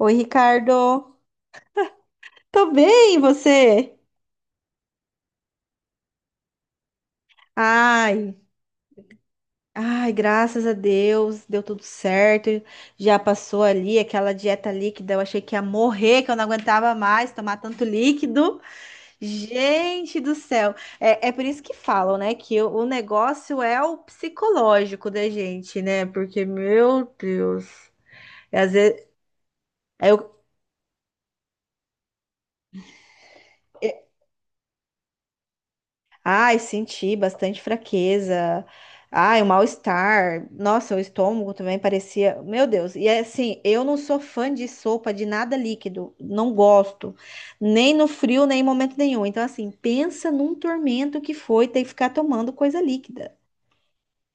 Oi, Ricardo. Tô bem, e você? Ai, ai, graças a Deus, deu tudo certo. Já passou ali aquela dieta líquida, eu achei que ia morrer, que eu não aguentava mais tomar tanto líquido. Gente do céu. É por isso que falam, né, que o negócio é o psicológico da gente, né? Porque, meu Deus, às vezes eu ai, senti bastante fraqueza. Ai, o mal-estar. Nossa, o estômago também parecia. Meu Deus. E é assim, eu não sou fã de sopa de nada líquido. Não gosto. Nem no frio, nem em momento nenhum. Então, assim, pensa num tormento que foi ter que ficar tomando coisa líquida.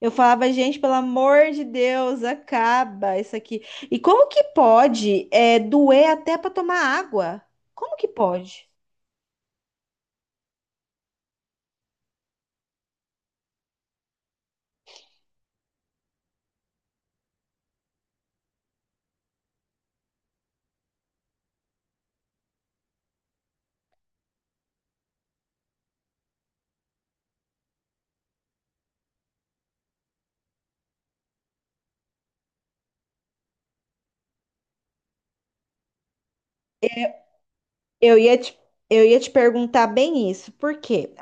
Eu falava, gente, pelo amor de Deus, acaba isso aqui. E como que pode, é, doer até para tomar água? Como que pode? Eu ia te, eu ia te perguntar bem isso, porque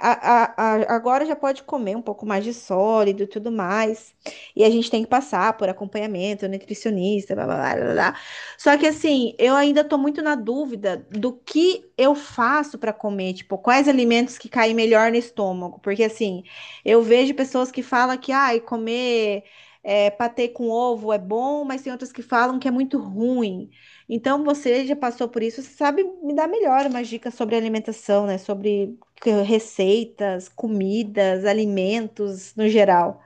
agora já pode comer um pouco mais de sólido e tudo mais, e a gente tem que passar por acompanhamento, nutricionista, blá, blá, blá, blá, blá. Só que assim, eu ainda tô muito na dúvida do que eu faço para comer, tipo, quais alimentos que caem melhor no estômago, porque assim, eu vejo pessoas que falam que, ai, comer é, patê com ovo é bom, mas tem outras que falam que é muito ruim. Então você já passou por isso, você sabe me dar melhor umas dicas sobre alimentação, né? Sobre que- receitas, comidas, alimentos no geral.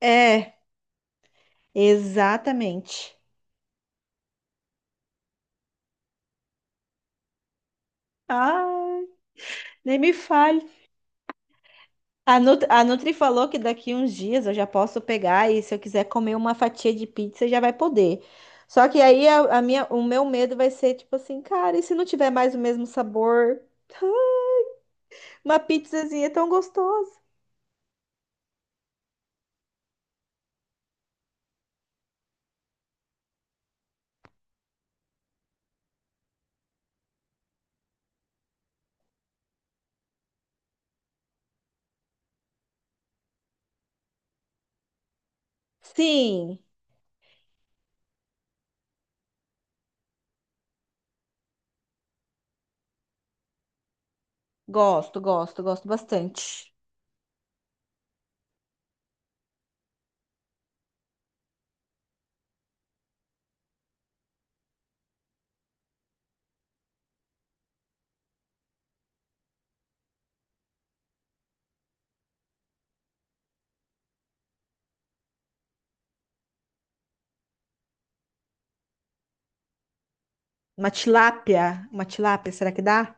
É, exatamente. Ah, nem me fale. A Nut- a Nutri falou que daqui uns dias eu já posso pegar e se eu quiser comer uma fatia de pizza já vai poder. Só que aí a minha, o meu medo vai ser tipo assim, cara, e se não tiver mais o mesmo sabor? Uma pizzazinha é tão gostosa. Sim. Gosto, gosto, gosto bastante. Uma tilápia, será que dá?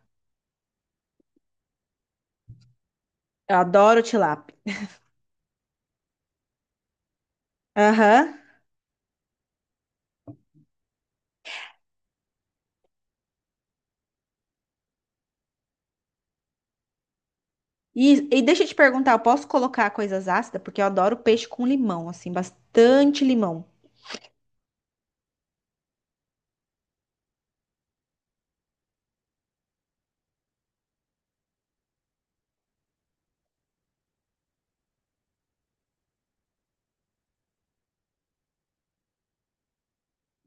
Eu adoro tilápia. Aham. E deixa eu te perguntar, eu posso colocar coisas ácidas? Porque eu adoro peixe com limão, assim, bastante limão.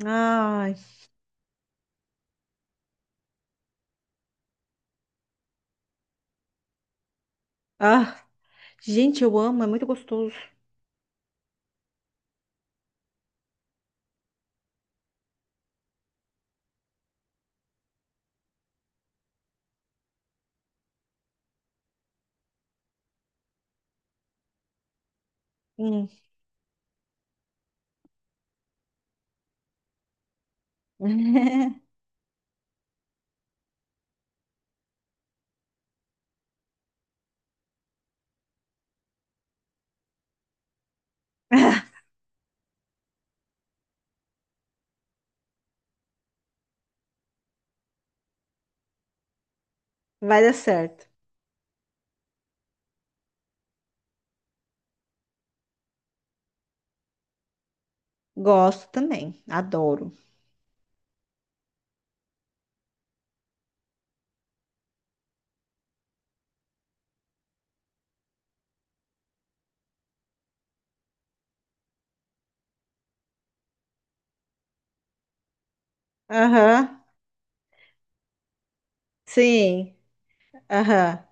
Ai, ah, gente, eu amo, é muito gostoso. Hum. Vai dar certo. Gosto também, adoro. Aham, sim, aham.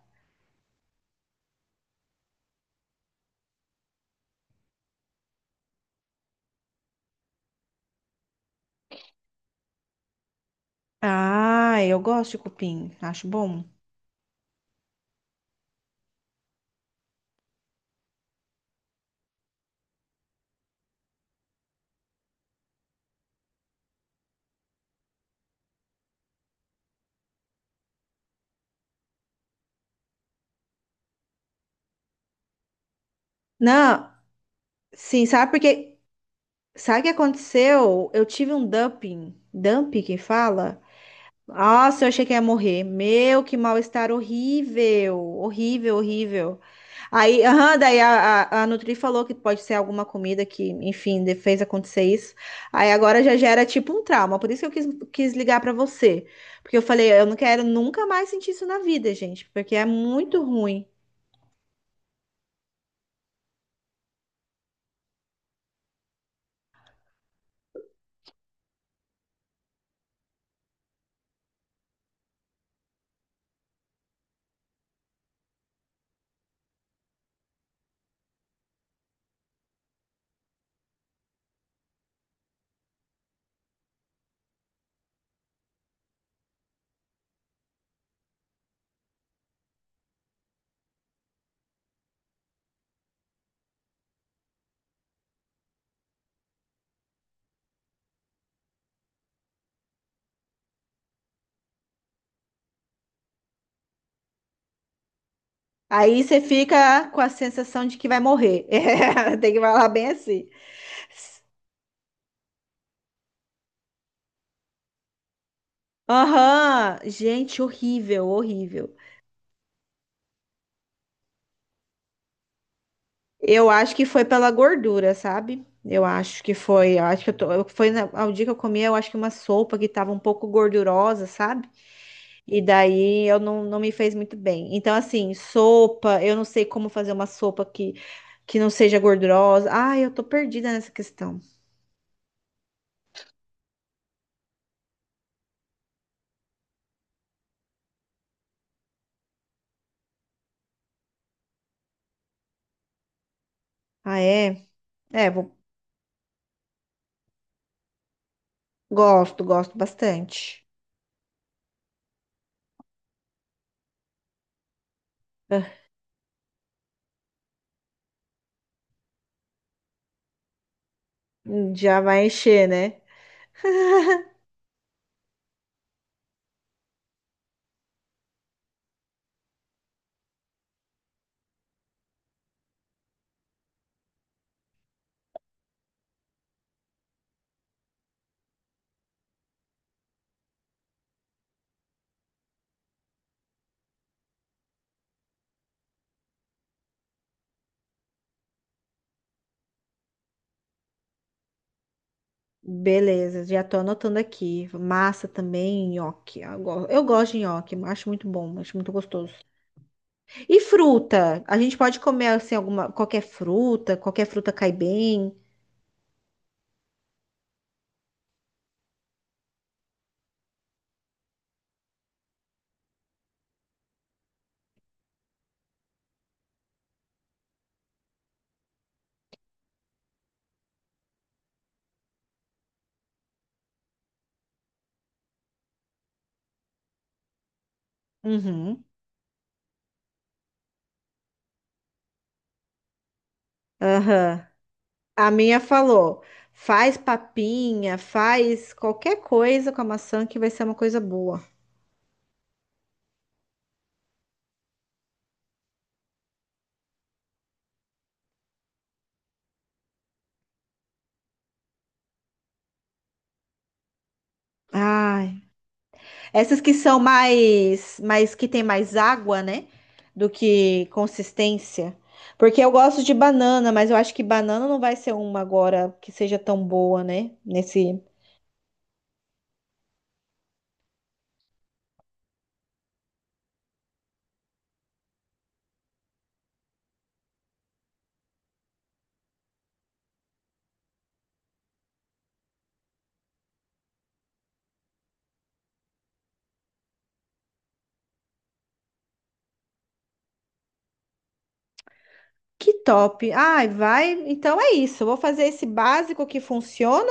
Ah, eu gosto de cupim, acho bom. Não, sim, sabe por quê? Sabe o que aconteceu? Eu tive um dumping. Dumping que fala? Nossa, eu achei que ia morrer. Meu, que mal-estar horrível. Horrível, horrível. Aí, aham, daí a Nutri falou que pode ser alguma comida que, enfim, de- fez acontecer isso. Aí agora já gera tipo um trauma. Por isso que eu quis ligar pra você. Porque eu falei, eu não quero nunca mais sentir isso na vida, gente. Porque é muito ruim. Aí você fica com a sensação de que vai morrer. É, tem que falar bem assim. Aham, gente, horrível, horrível. Eu acho que foi pela gordura, sabe? Eu acho que foi, eu acho que eu tô, eu- foi na, ao dia que eu comi, eu acho que uma sopa que tava um pouco gordurosa, sabe? E daí eu não me fez muito bem. Então, assim, sopa, eu não sei como fazer uma sopa que não seja gordurosa. Ai, eu tô perdida nessa questão. Ah, é? É, vou, gosto, gosto bastante. Ah, já vai encher, né? Beleza, já tô anotando aqui. Massa também, nhoque. Eu go- eu gosto de nhoque, acho muito bom, acho muito gostoso. E fruta? A gente pode comer assim alguma, qualquer fruta cai bem. Uhum. Aham. A minha falou: faz papinha, faz qualquer coisa com a maçã que vai ser uma coisa boa. Ah, essas que são mais, mais que tem mais água, né? Do que consistência. Porque eu gosto de banana, mas eu acho que banana não vai ser uma agora que seja tão boa, né? Nesse. Que top. Ai, vai. Então é isso. Eu vou fazer esse básico que funciona.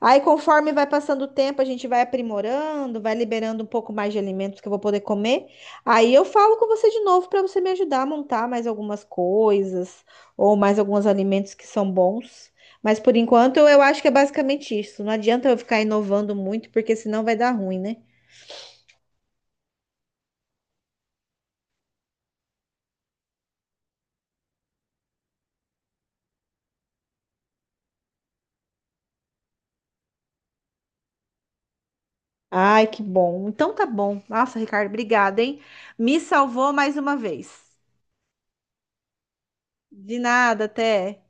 Aí, conforme vai passando o tempo, a gente vai aprimorando, vai liberando um pouco mais de alimentos que eu vou poder comer. Aí eu falo com você de novo para você me ajudar a montar mais algumas coisas ou mais alguns alimentos que são bons. Mas por enquanto eu acho que é basicamente isso. Não adianta eu ficar inovando muito, porque senão vai dar ruim, né? Ai, que bom. Então tá bom. Nossa, Ricardo, obrigada, hein? Me salvou mais uma vez. De nada, até.